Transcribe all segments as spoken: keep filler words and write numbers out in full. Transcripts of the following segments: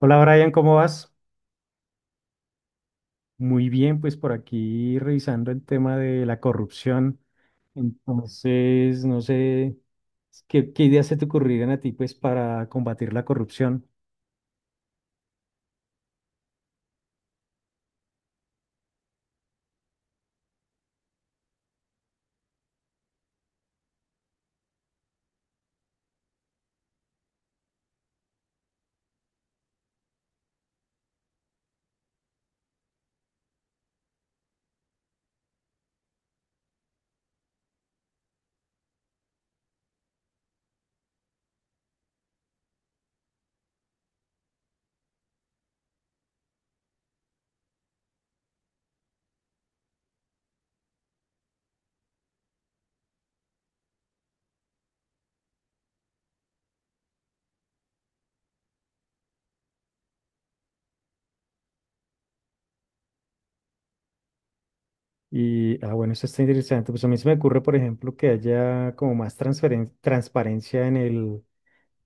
Hola Brian, ¿cómo vas? Muy bien, pues por aquí revisando el tema de la corrupción. Entonces, no sé, ¿qué, qué ideas se te ocurrirían a ti pues para combatir la corrupción? Y, ah, bueno, eso está interesante. Pues a mí se me ocurre, por ejemplo, que haya como más transferen- transparencia en el,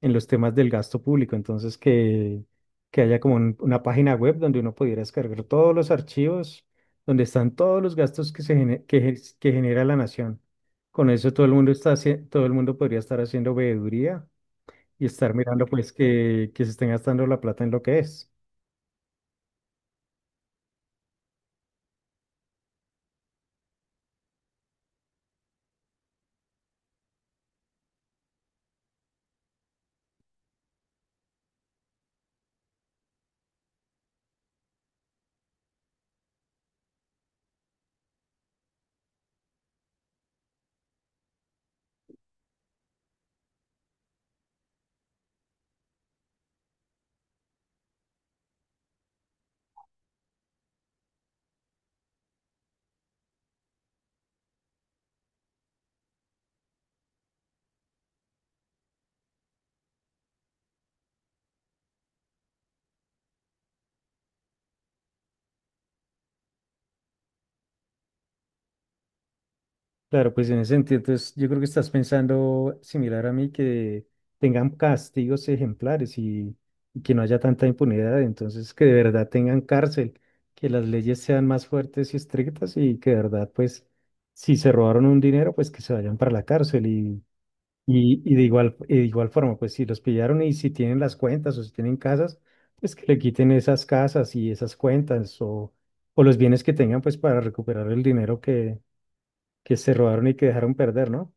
en los temas del gasto público. Entonces, que, que haya como un- una página web donde uno pudiera descargar todos los archivos, donde están todos los gastos que, se gene- que, ge- que genera la nación. Con eso todo el mundo está, haci- todo el mundo podría estar haciendo veeduría y estar mirando pues que, que se estén gastando la plata en lo que es. Claro, pues en ese sentido, entonces yo creo que estás pensando similar a mí, que tengan castigos ejemplares y, y que no haya tanta impunidad, entonces que de verdad tengan cárcel, que las leyes sean más fuertes y estrictas y que de verdad, pues, si se robaron un dinero, pues que se vayan para la cárcel y, y, y de igual, y de igual forma, pues si los pillaron y si tienen las cuentas o si tienen casas, pues que le quiten esas casas y esas cuentas o, o los bienes que tengan, pues para recuperar el dinero que que se robaron y que dejaron perder, ¿no?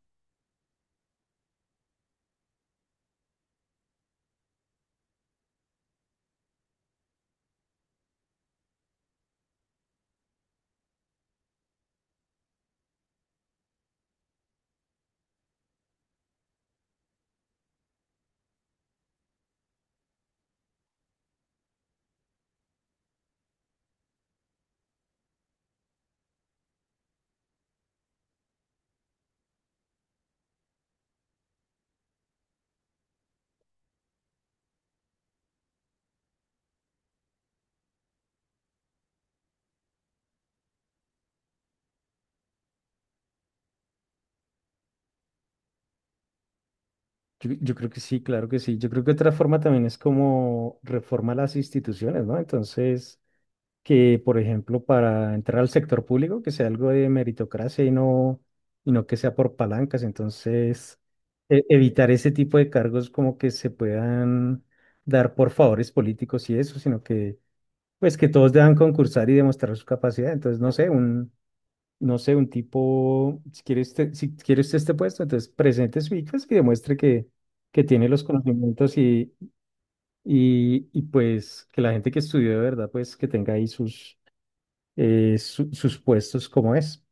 Yo, yo creo que sí, claro que sí. Yo creo que otra forma también es como reforma las instituciones, ¿no? Entonces, que por ejemplo, para entrar al sector público, que sea algo de meritocracia y no, y no que sea por palancas. Entonces, e- evitar ese tipo de cargos como que se puedan dar por favores políticos y eso, sino que, pues, que todos deban concursar y demostrar su capacidad. Entonces, no sé, un no sé, un tipo, si quieres este, si quiere usted este puesto, entonces presente su ICFES y demuestre que, que tiene los conocimientos y, y, y, pues que la gente que estudió de verdad, pues que tenga ahí sus, eh, su- sus puestos como es.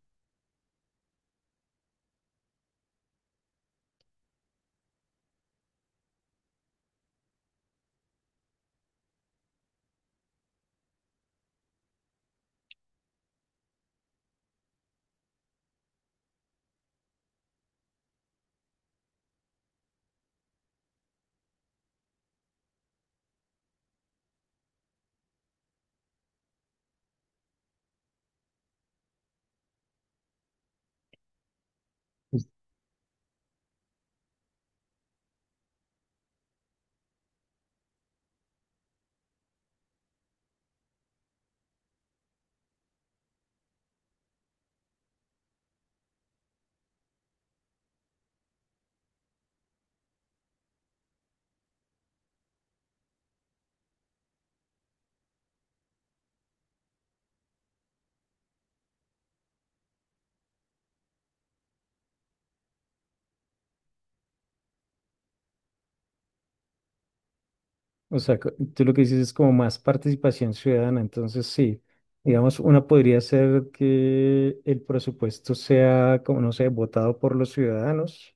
O sea, co- tú lo que dices es como más participación ciudadana, entonces sí. Digamos, una podría ser que el presupuesto sea, como no sé, votado por los ciudadanos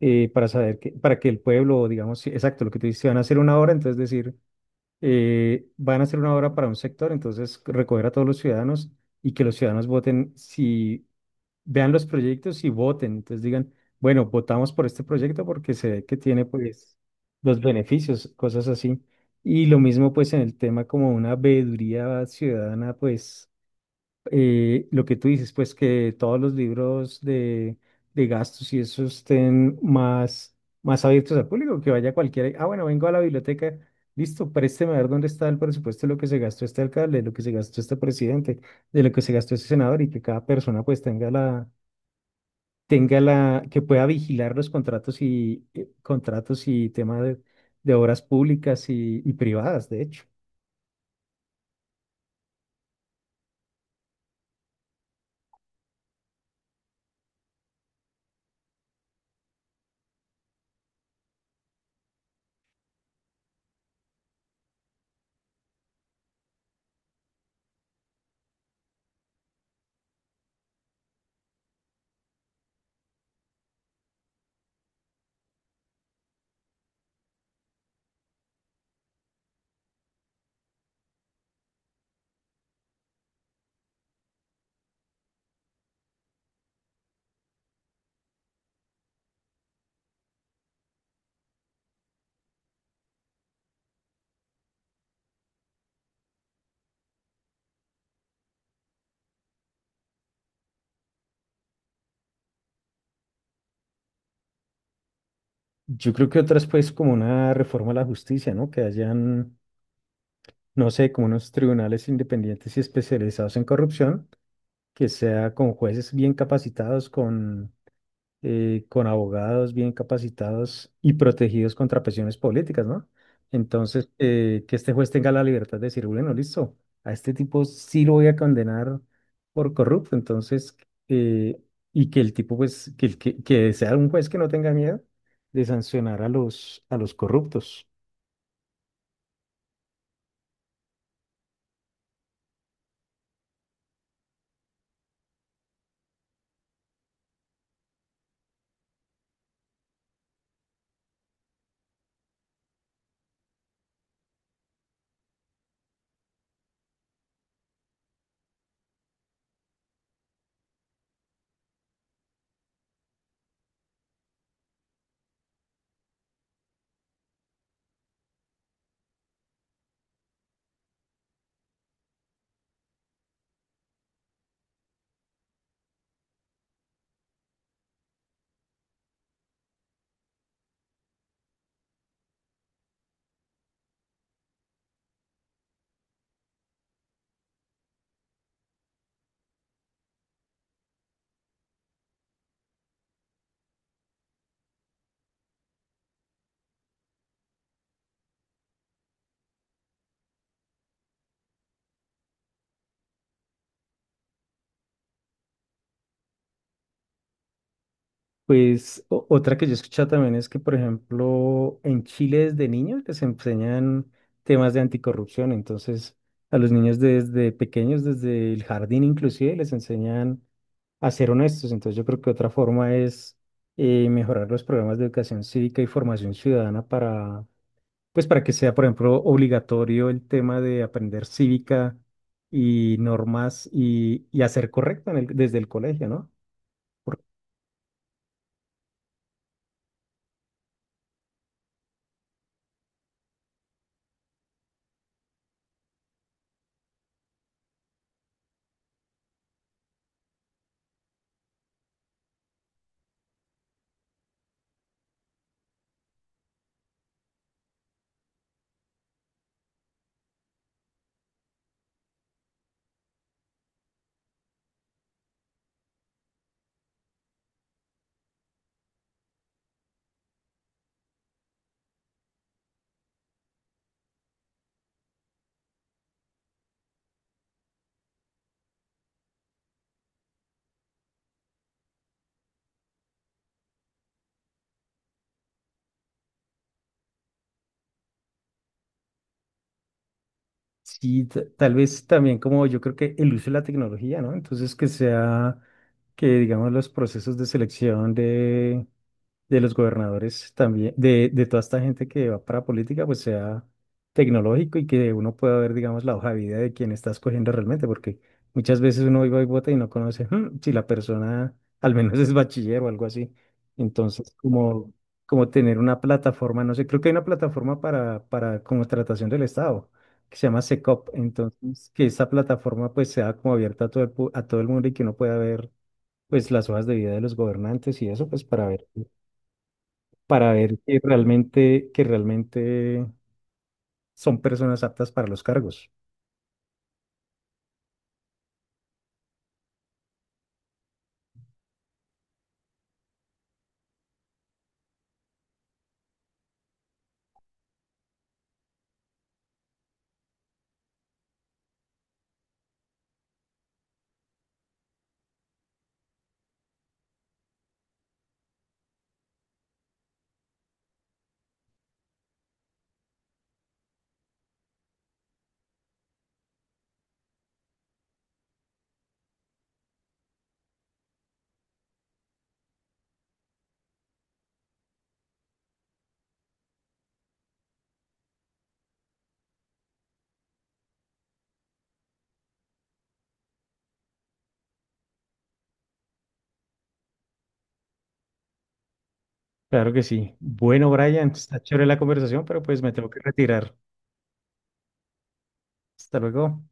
eh, para saber que, para que el pueblo, digamos, sí, exacto, lo que te dice, van a hacer una hora, entonces decir, eh, van a hacer una obra para un sector, entonces recoger a todos los ciudadanos y que los ciudadanos voten, si vean los proyectos y voten, entonces digan, bueno, votamos por este proyecto porque se ve que tiene pues los beneficios, cosas así. Y lo mismo pues en el tema como una veeduría ciudadana, pues eh, lo que tú dices, pues que todos los libros de, de gastos y eso estén más, más abiertos al público, que vaya cualquiera. Ah, bueno, vengo a la biblioteca, listo, présteme a ver dónde está el presupuesto de lo que se gastó este alcalde, de lo que se gastó este presidente, de lo que se gastó este senador y que cada persona pues tenga la, tenga la, que pueda vigilar los contratos y eh, contratos y temas de, de obras públicas y, y privadas, de hecho. Yo creo que otras, pues, como una reforma a la justicia, ¿no? Que hayan, no sé, como unos tribunales independientes y especializados en corrupción, que sea con jueces bien capacitados, con, eh, con abogados bien capacitados y protegidos contra presiones políticas, ¿no? Entonces, eh, que este juez tenga la libertad de decir, bueno, listo, a este tipo sí lo voy a condenar por corrupto, entonces, eh, y que el tipo, pues, que, el que, que sea un juez que no tenga miedo de sancionar a los, a los corruptos. Pues o- otra que yo he escuchado también es que, por ejemplo, en Chile desde niños les enseñan temas de anticorrupción. Entonces, a los niños desde pequeños, desde el jardín inclusive, les enseñan a ser honestos. Entonces, yo creo que otra forma es eh, mejorar los programas de educación cívica y formación ciudadana para pues para que sea, por ejemplo, obligatorio el tema de aprender cívica y normas y, y hacer correcto en el- desde el colegio, ¿no? Sí, ta- tal vez también como yo creo que el uso de la tecnología, ¿no? Entonces que sea, que digamos los procesos de selección de, de los gobernadores también, de, de toda esta gente que va para política, pues sea tecnológico y que uno pueda ver, digamos, la hoja de vida de quien está escogiendo realmente, porque muchas veces uno iba y vota y no conoce "Hmm, si la persona al menos es bachiller o algo así. Entonces, como, como tener una plataforma, no sé, creo que hay una plataforma para, para como contratación del Estado que se llama SECOP, entonces que esta plataforma pues sea como abierta a todo el, pu- a todo el mundo y que uno pueda ver pues las hojas de vida de los gobernantes y eso pues para ver para ver que realmente que realmente son personas aptas para los cargos. Claro que sí. Bueno, Brian, está chévere la conversación, pero pues me tengo que retirar. Hasta luego.